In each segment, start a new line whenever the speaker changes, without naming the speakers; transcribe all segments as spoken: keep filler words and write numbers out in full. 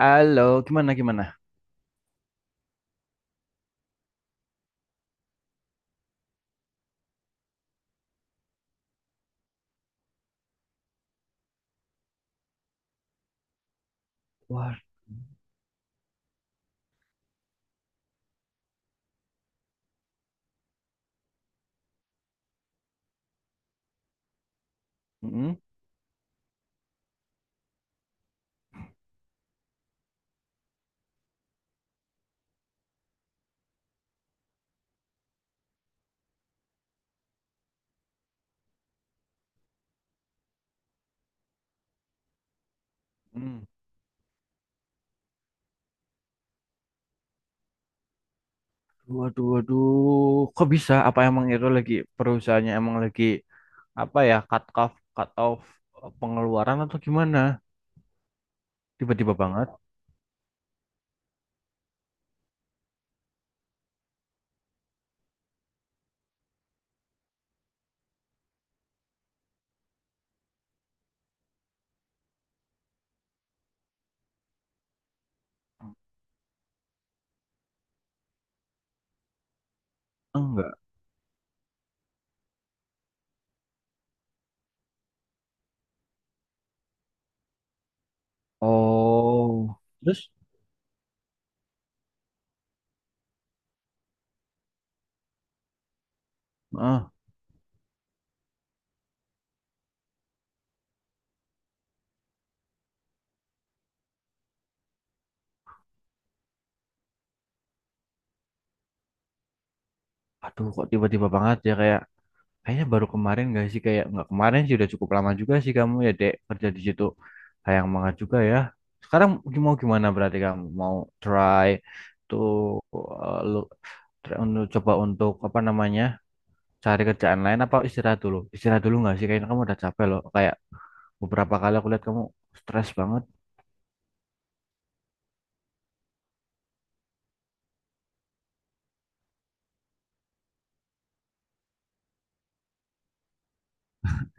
Halo, gimana gimana? Wah. mm, mm. Waduh, waduh, kok bisa? Apa emang itu lagi perusahaannya emang lagi apa ya cut off, cut off eh, pengeluaran atau gimana? Tiba-tiba banget? Enggak. Oh, terus? Ah, aduh, kok tiba-tiba banget ya kayak kayaknya baru kemarin gak sih kayak nggak kemarin sih udah cukup lama juga sih kamu ya dek kerja di situ. Sayang banget juga ya. Sekarang mau gimana berarti kamu mau try? Tuh, untuk coba untuk apa namanya cari kerjaan lain apa istirahat dulu? Istirahat dulu nggak sih? Kayaknya kamu udah capek loh. Kayak beberapa kali aku lihat kamu stres banget.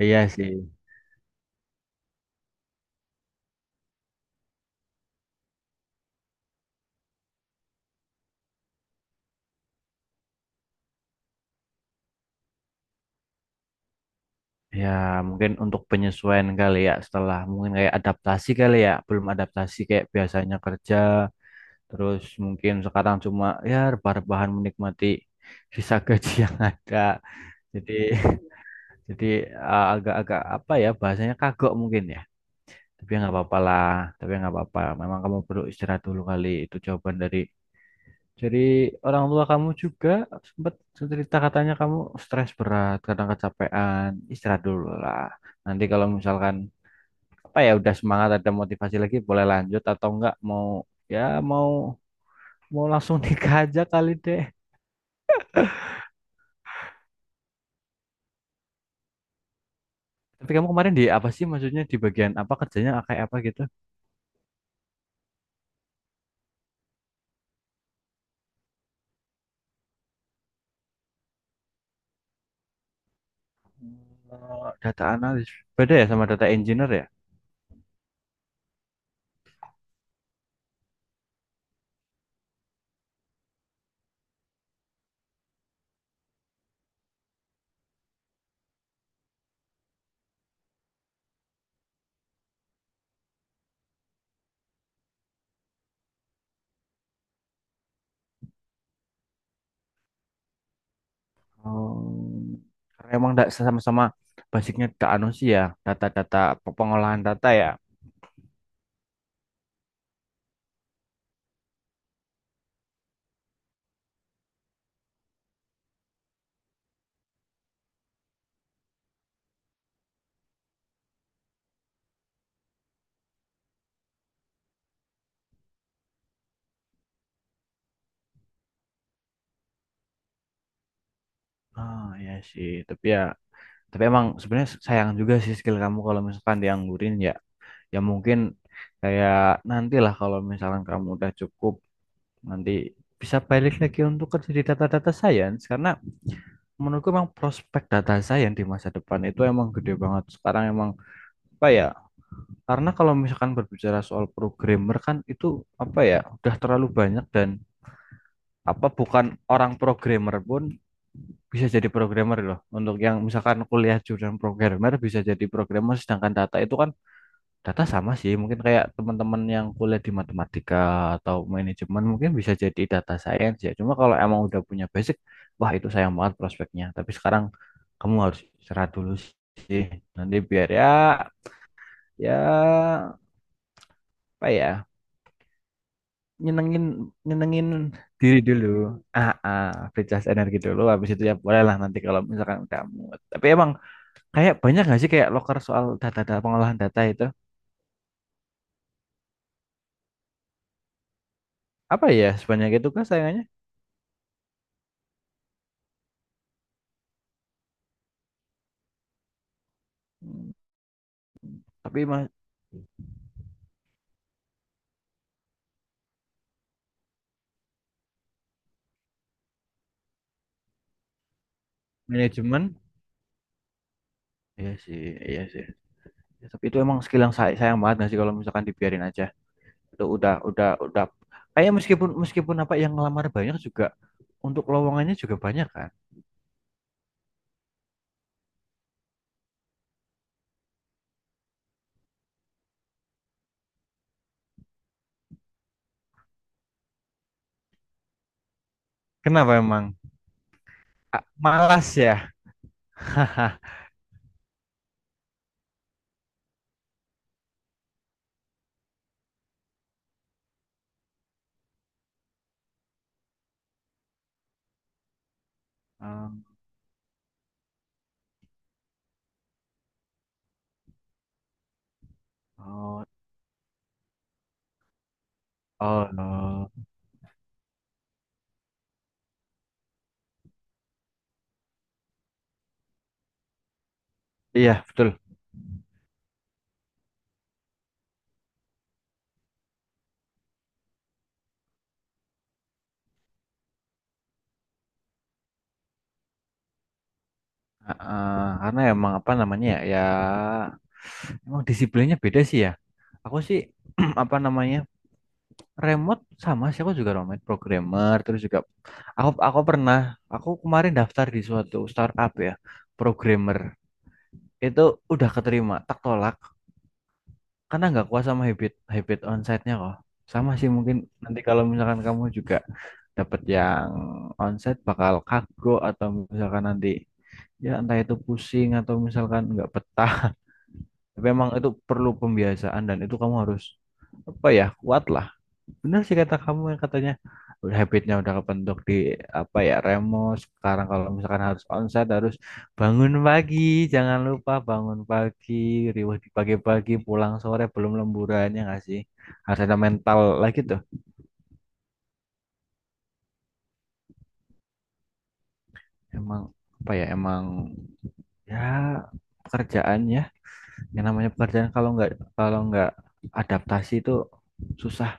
Iya sih. Ya mungkin untuk penyesuaian kali ya setelah mungkin kayak adaptasi kali ya. Belum adaptasi kayak biasanya kerja. Terus mungkin sekarang cuma ya rebah-rebahan menikmati sisa gaji yang ada. Jadi jadi, eh, agak-agak apa ya bahasanya kagok mungkin ya. Tapi ya nggak apa-apa lah, tapi ya nggak apa-apa. Memang kamu perlu istirahat dulu kali. Itu jawaban dari dari orang tua kamu juga sempat cerita katanya kamu stres berat, kadang kecapean. Istirahat dulu lah. Nanti kalau misalkan apa ya udah semangat ada motivasi lagi boleh lanjut atau enggak mau ya mau mau langsung nikah aja kali deh. Tapi kamu kemarin di apa sih maksudnya di bagian apa kerjanya kayak apa gitu? Eh, Data analis. Beda ya sama data engineer ya? Oh, karena emang nggak sama-sama basicnya tak anu sih ya data-data pe- pengolahan data ya. Ah ya sih, tapi ya tapi emang sebenarnya sayang juga sih skill kamu kalau misalkan dianggurin ya. Ya mungkin kayak nantilah kalau misalkan kamu udah cukup nanti bisa balik lagi untuk kerja di data-data science karena menurutku emang prospek data science di masa depan itu emang gede banget. Sekarang emang apa ya? Karena kalau misalkan berbicara soal programmer kan itu apa ya udah terlalu banyak dan apa bukan orang programmer pun bisa jadi programmer loh. Untuk yang misalkan kuliah jurusan programmer bisa jadi programmer sedangkan data itu kan data sama sih. Mungkin kayak teman-teman yang kuliah di matematika atau manajemen mungkin bisa jadi data science ya. Cuma kalau emang udah punya basic, wah itu sayang banget prospeknya. Tapi sekarang kamu harus istirahat dulu sih. Nanti biar ya ya apa ya nyenengin nyenengin diri dulu ah, ah recharge energi dulu habis itu ya boleh lah nanti kalau misalkan udah mood tapi emang kayak banyak nggak sih kayak loker soal data-data pengolahan data itu apa ya sebanyak itu kah sayangnya. Hmm, tapi mas manajemen iya sih iya sih. Ya, tapi itu emang skill yang say- sayang banget nggak sih kalau misalkan dibiarin aja itu udah udah udah kayak meskipun meskipun apa yang ngelamar banyak juga untuk lowongannya juga banyak kan kenapa emang. Ah, malas ya. Hmm. Oh. Oh, no. Iya, betul. Heeh, karena emang apa namanya ya, ya emang disiplinnya beda sih ya. Aku sih apa namanya remote sama sih aku juga remote programmer terus juga aku aku pernah aku kemarin daftar di suatu startup ya programmer itu udah keterima tak tolak karena nggak kuat sama habit habit onsite-nya kok. Sama sih mungkin nanti kalau misalkan kamu juga dapat yang onsite bakal kago atau misalkan nanti ya entah itu pusing atau misalkan nggak betah tapi emang itu perlu pembiasaan dan itu kamu harus apa ya kuat lah bener sih kata kamu yang katanya udah habitnya udah kebentuk di apa ya remo sekarang kalau misalkan harus onset harus bangun pagi jangan lupa bangun pagi riwah di pagi-pagi pulang sore belum lemburannya nggak sih harus ada mental lagi tuh emang apa ya emang ya pekerjaannya. Yang namanya pekerjaan kalau nggak kalau nggak adaptasi itu susah.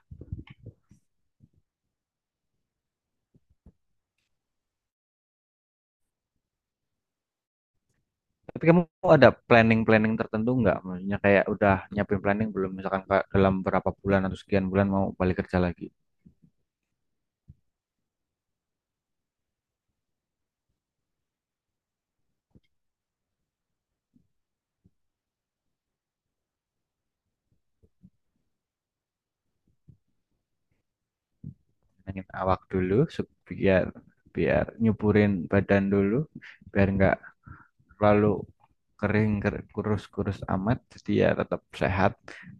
Tapi kamu ada planning-planning tertentu nggak? Maksudnya kayak udah nyiapin planning belum? Misalkan kayak dalam berapa bulan atau sekian bulan mau balik kerja lagi. Nangin awak dulu se- biar biar nyuburin badan dulu biar nggak terlalu kering ker- kurus-kurus amat jadi ya tetap sehat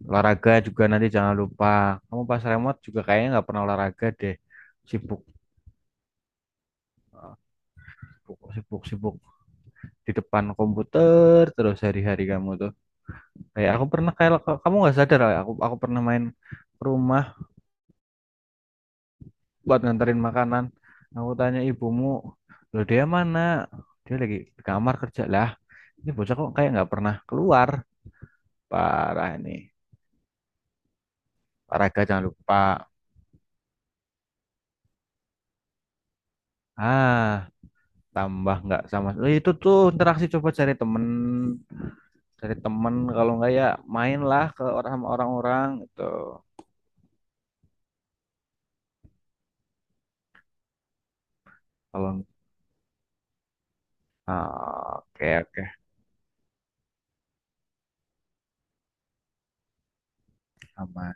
olahraga juga nanti jangan lupa kamu pas remote juga kayaknya nggak pernah olahraga deh sibuk sibuk sibuk sibuk di depan komputer terus hari-hari kamu tuh kayak aku pernah kayak kamu nggak sadar kayak aku aku pernah main ke rumah buat nganterin makanan aku tanya ibumu lo dia mana dia lagi di kamar kerja lah ini bocah kok kayak nggak pernah keluar parah ini parah gak jangan lupa ah tambah nggak sama. Eh, itu tuh interaksi coba cari temen cari temen kalau nggak ya mainlah ke orang sama orang-orang gitu kalau. Ah, oke, oke. Sama.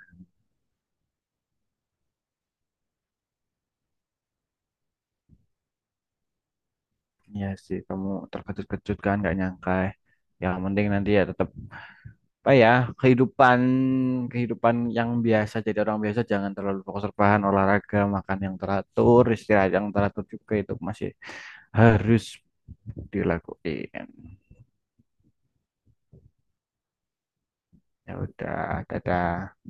Iya sih, kamu terkejut-kejut kan, nggak nyangka. Ya, ya, mending nanti ya tetap apa ya kehidupan kehidupan yang biasa jadi orang biasa jangan terlalu fokus rebahan olahraga makan yang teratur istirahat yang teratur juga itu masih harus dilakuin. Ya udah, dadah.